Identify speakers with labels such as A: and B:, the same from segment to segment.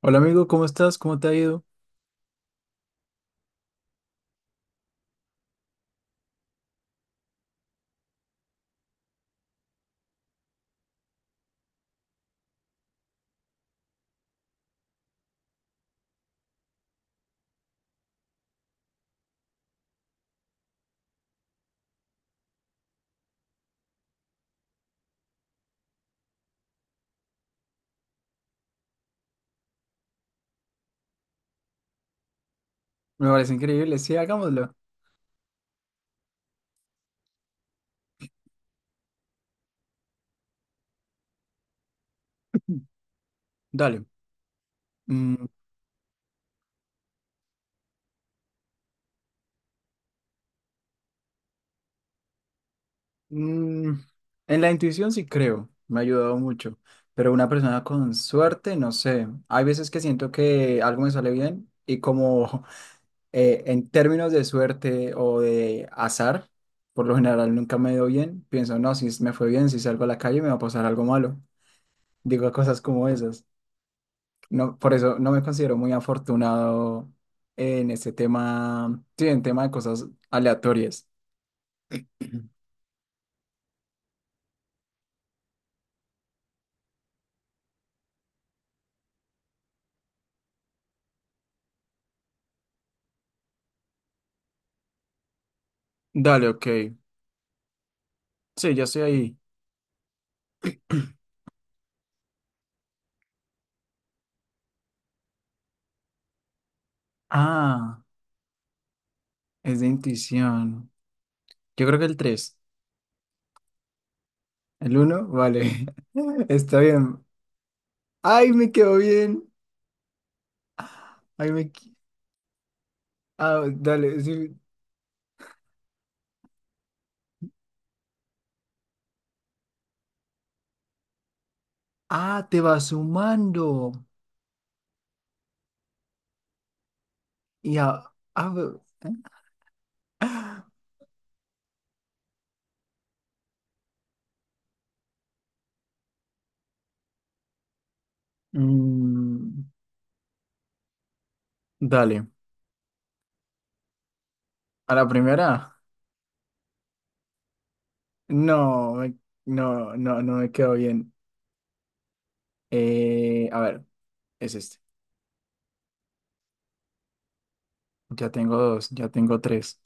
A: Hola amigo, ¿cómo estás? ¿Cómo te ha ido? Me parece increíble. Sí, hagámoslo. Dale. Mm. mm, en la intuición sí creo, me ha ayudado mucho, pero una persona con suerte, no sé. Hay veces que siento que algo me sale bien y como en términos de suerte o de azar, por lo general nunca me dio bien, pienso, no, si me fue bien, si salgo a la calle me va a pasar algo malo. Digo cosas como esas. No, por eso no me considero muy afortunado en este tema, sí, en tema de cosas aleatorias. Dale, ok. Sí, ya estoy ahí. Ah, es de intuición. Yo creo que el tres. ¿El uno? Vale. Está bien. Ay, me quedó bien. Ay, Ah, dale. Sí. Ah, te va sumando. Y a... a- Mm, dale. A la primera. No, no, no, no me quedó bien. A ver, es este. Ya tengo dos, ya tengo tres.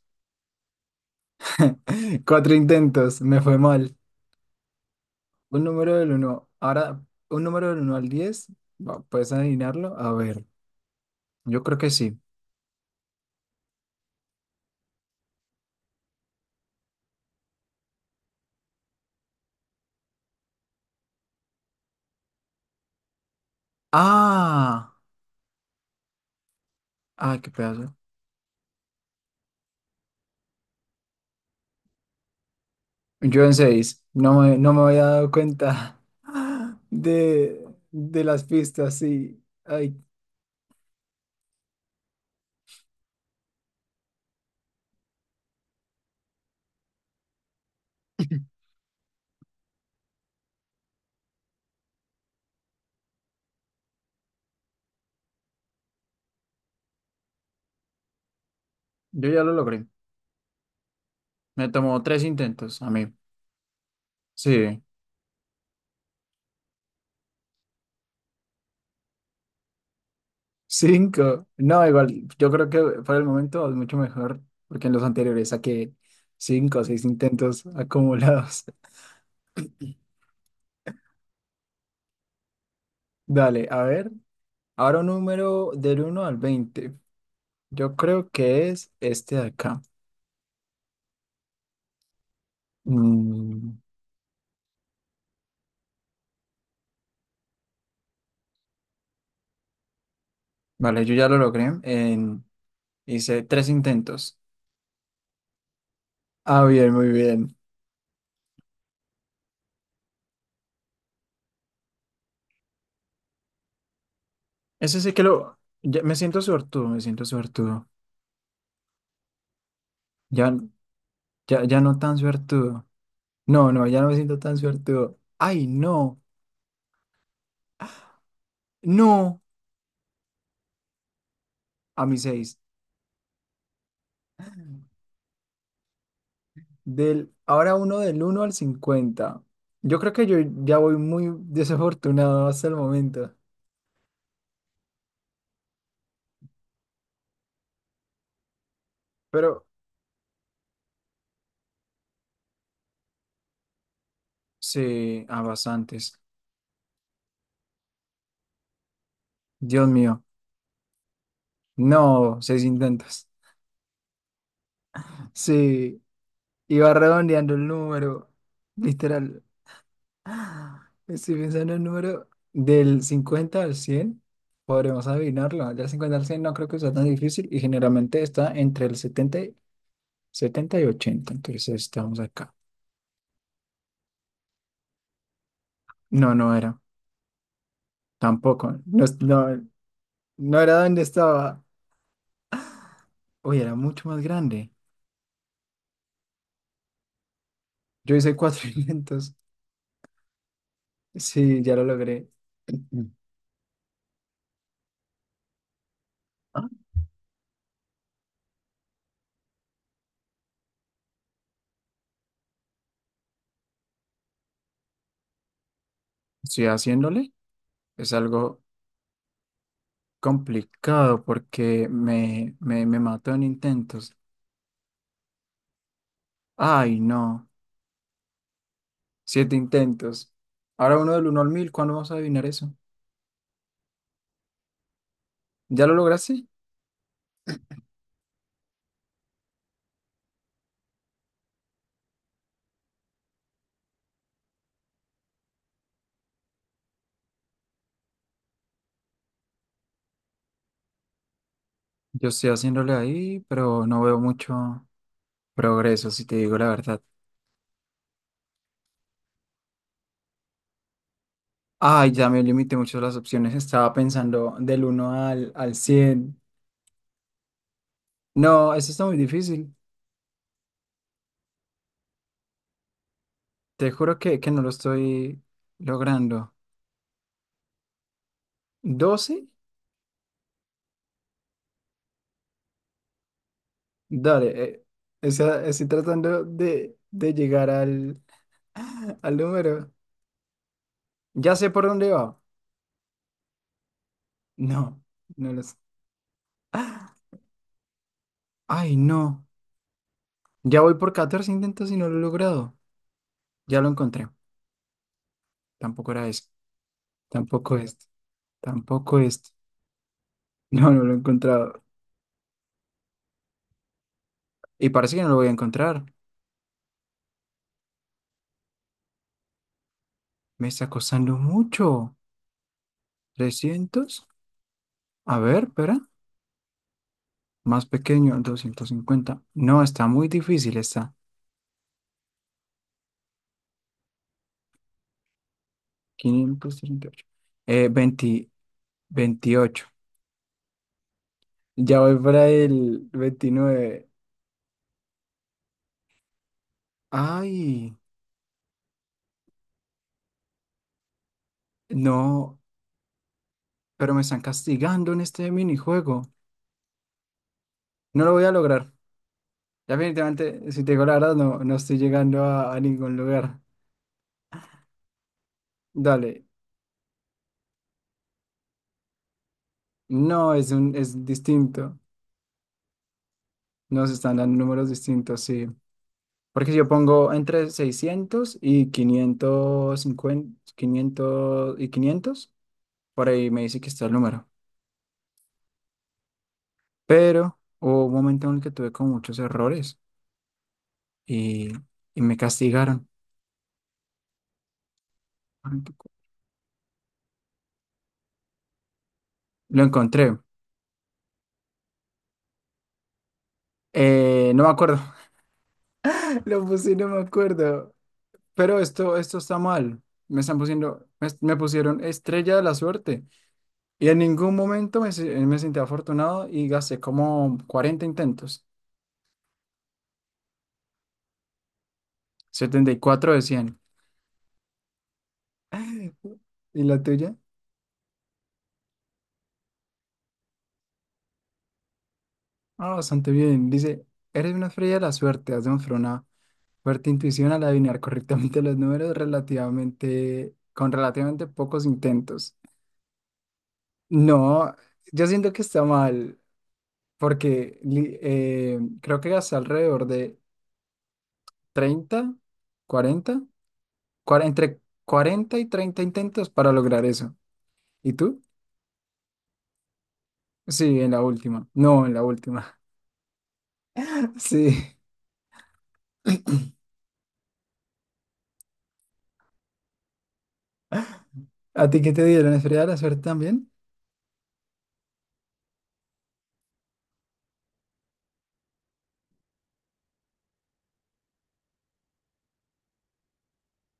A: Cuatro intentos, me fue mal. Un número del uno. Ahora, un número del uno al 10. Va, ¿puedes adivinarlo? A ver, yo creo que sí. ¡Ah! ¡Ah, qué pedazo! Yo en seis. No me había dado cuenta de, de las pistas, sí. Ay, yo ya lo logré. Me tomó tres intentos a mí. Sí. Cinco. No, igual, yo creo que para el momento es mucho mejor, porque en los anteriores saqué cinco o seis intentos acumulados. Dale, a ver. Ahora un número del uno al 20, yo creo que es este de acá. Mm, vale, yo ya lo logré. Hice tres intentos. Ah, bien, muy bien. Ese sí que me siento suertudo, me siento suertudo. Ya, ya, ya no tan suertudo. No, no, ya no me siento tan suertudo. Ay, no. No. A mi, seis. Ahora uno del uno al 50. Yo creo que yo ya voy muy desafortunado hasta el momento. Pero sí, a bastantes. Dios mío. No, seis intentos. Sí, iba redondeando el número. Literal. Ah, estoy pensando en el número del 50 al 100. Podremos adivinarlo. Del cincuenta al 100 no creo que sea tan difícil y generalmente está entre el 70 y 80. Entonces estamos acá. No, no era. Tampoco. No, no, no era donde estaba. Uy, era mucho más grande. Yo hice 400. Sí, ya lo logré. Ah, estoy haciéndole. Es algo complicado porque me mató en intentos. Ay, no. Siete intentos. Ahora uno del uno al 1000. ¿Cuándo vamos a adivinar eso? ¿Ya lo lograste? Yo estoy haciéndole ahí, pero no veo mucho progreso, si te digo la verdad. Ay, ya me limité mucho las opciones. Estaba pensando del uno al 100. No, eso está muy difícil. Te juro que no lo estoy logrando. 12. Dale. O sea, estoy tratando de llegar al número. Ya sé por dónde va. No, no lo sé. ¡Ah! Ay, no. Ya voy por 14 intentos y no lo he logrado. Ya lo encontré. Tampoco era eso. Tampoco este. Tampoco este. No, no lo he encontrado. Y parece que no lo voy a encontrar. Me está costando mucho. 300. A ver, espera. Más pequeño, 250. No, está muy difícil, está. 538. Veinte 28. Ya voy para el 29. Ay, no, pero me están castigando en este minijuego. No lo voy a lograr. Definitivamente, si te digo la verdad, no, no estoy llegando a ningún lugar. Dale. No, es distinto. Nos están dando números distintos, sí. Porque si yo pongo entre 600 y 550, 500 y 500, por ahí me dice que está el número. Pero hubo un momento en el que tuve con muchos errores y, y me castigaron. Lo encontré. No me acuerdo. Lo puse, y no me acuerdo. Pero esto está mal. Me pusieron estrella de la suerte. Y en ningún momento me sentí afortunado y gasté como 40 intentos. 74 de 100. ¿Y la tuya? Ah, bastante bien. Dice, eres una estrella de la suerte, has demostrado una fuerte intuición al adivinar correctamente los números con relativamente pocos intentos. No, yo siento que está mal, porque creo que hasta alrededor de 30, 40, entre 40 y 30 intentos para lograr eso. ¿Y tú? Sí, en la última. No, en la última. Sí. ¿A ti qué te dieron? ¿Estrella de la suerte también?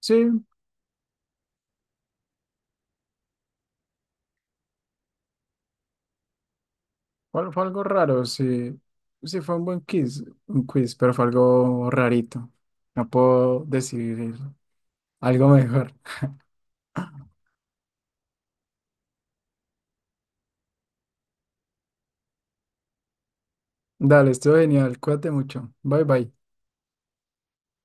A: Sí. Fue algo raro, sí. Sí, fue un buen quiz, un quiz, pero fue algo rarito. No puedo decir algo mejor. Dale, estuvo genial. Cuídate mucho. Bye bye.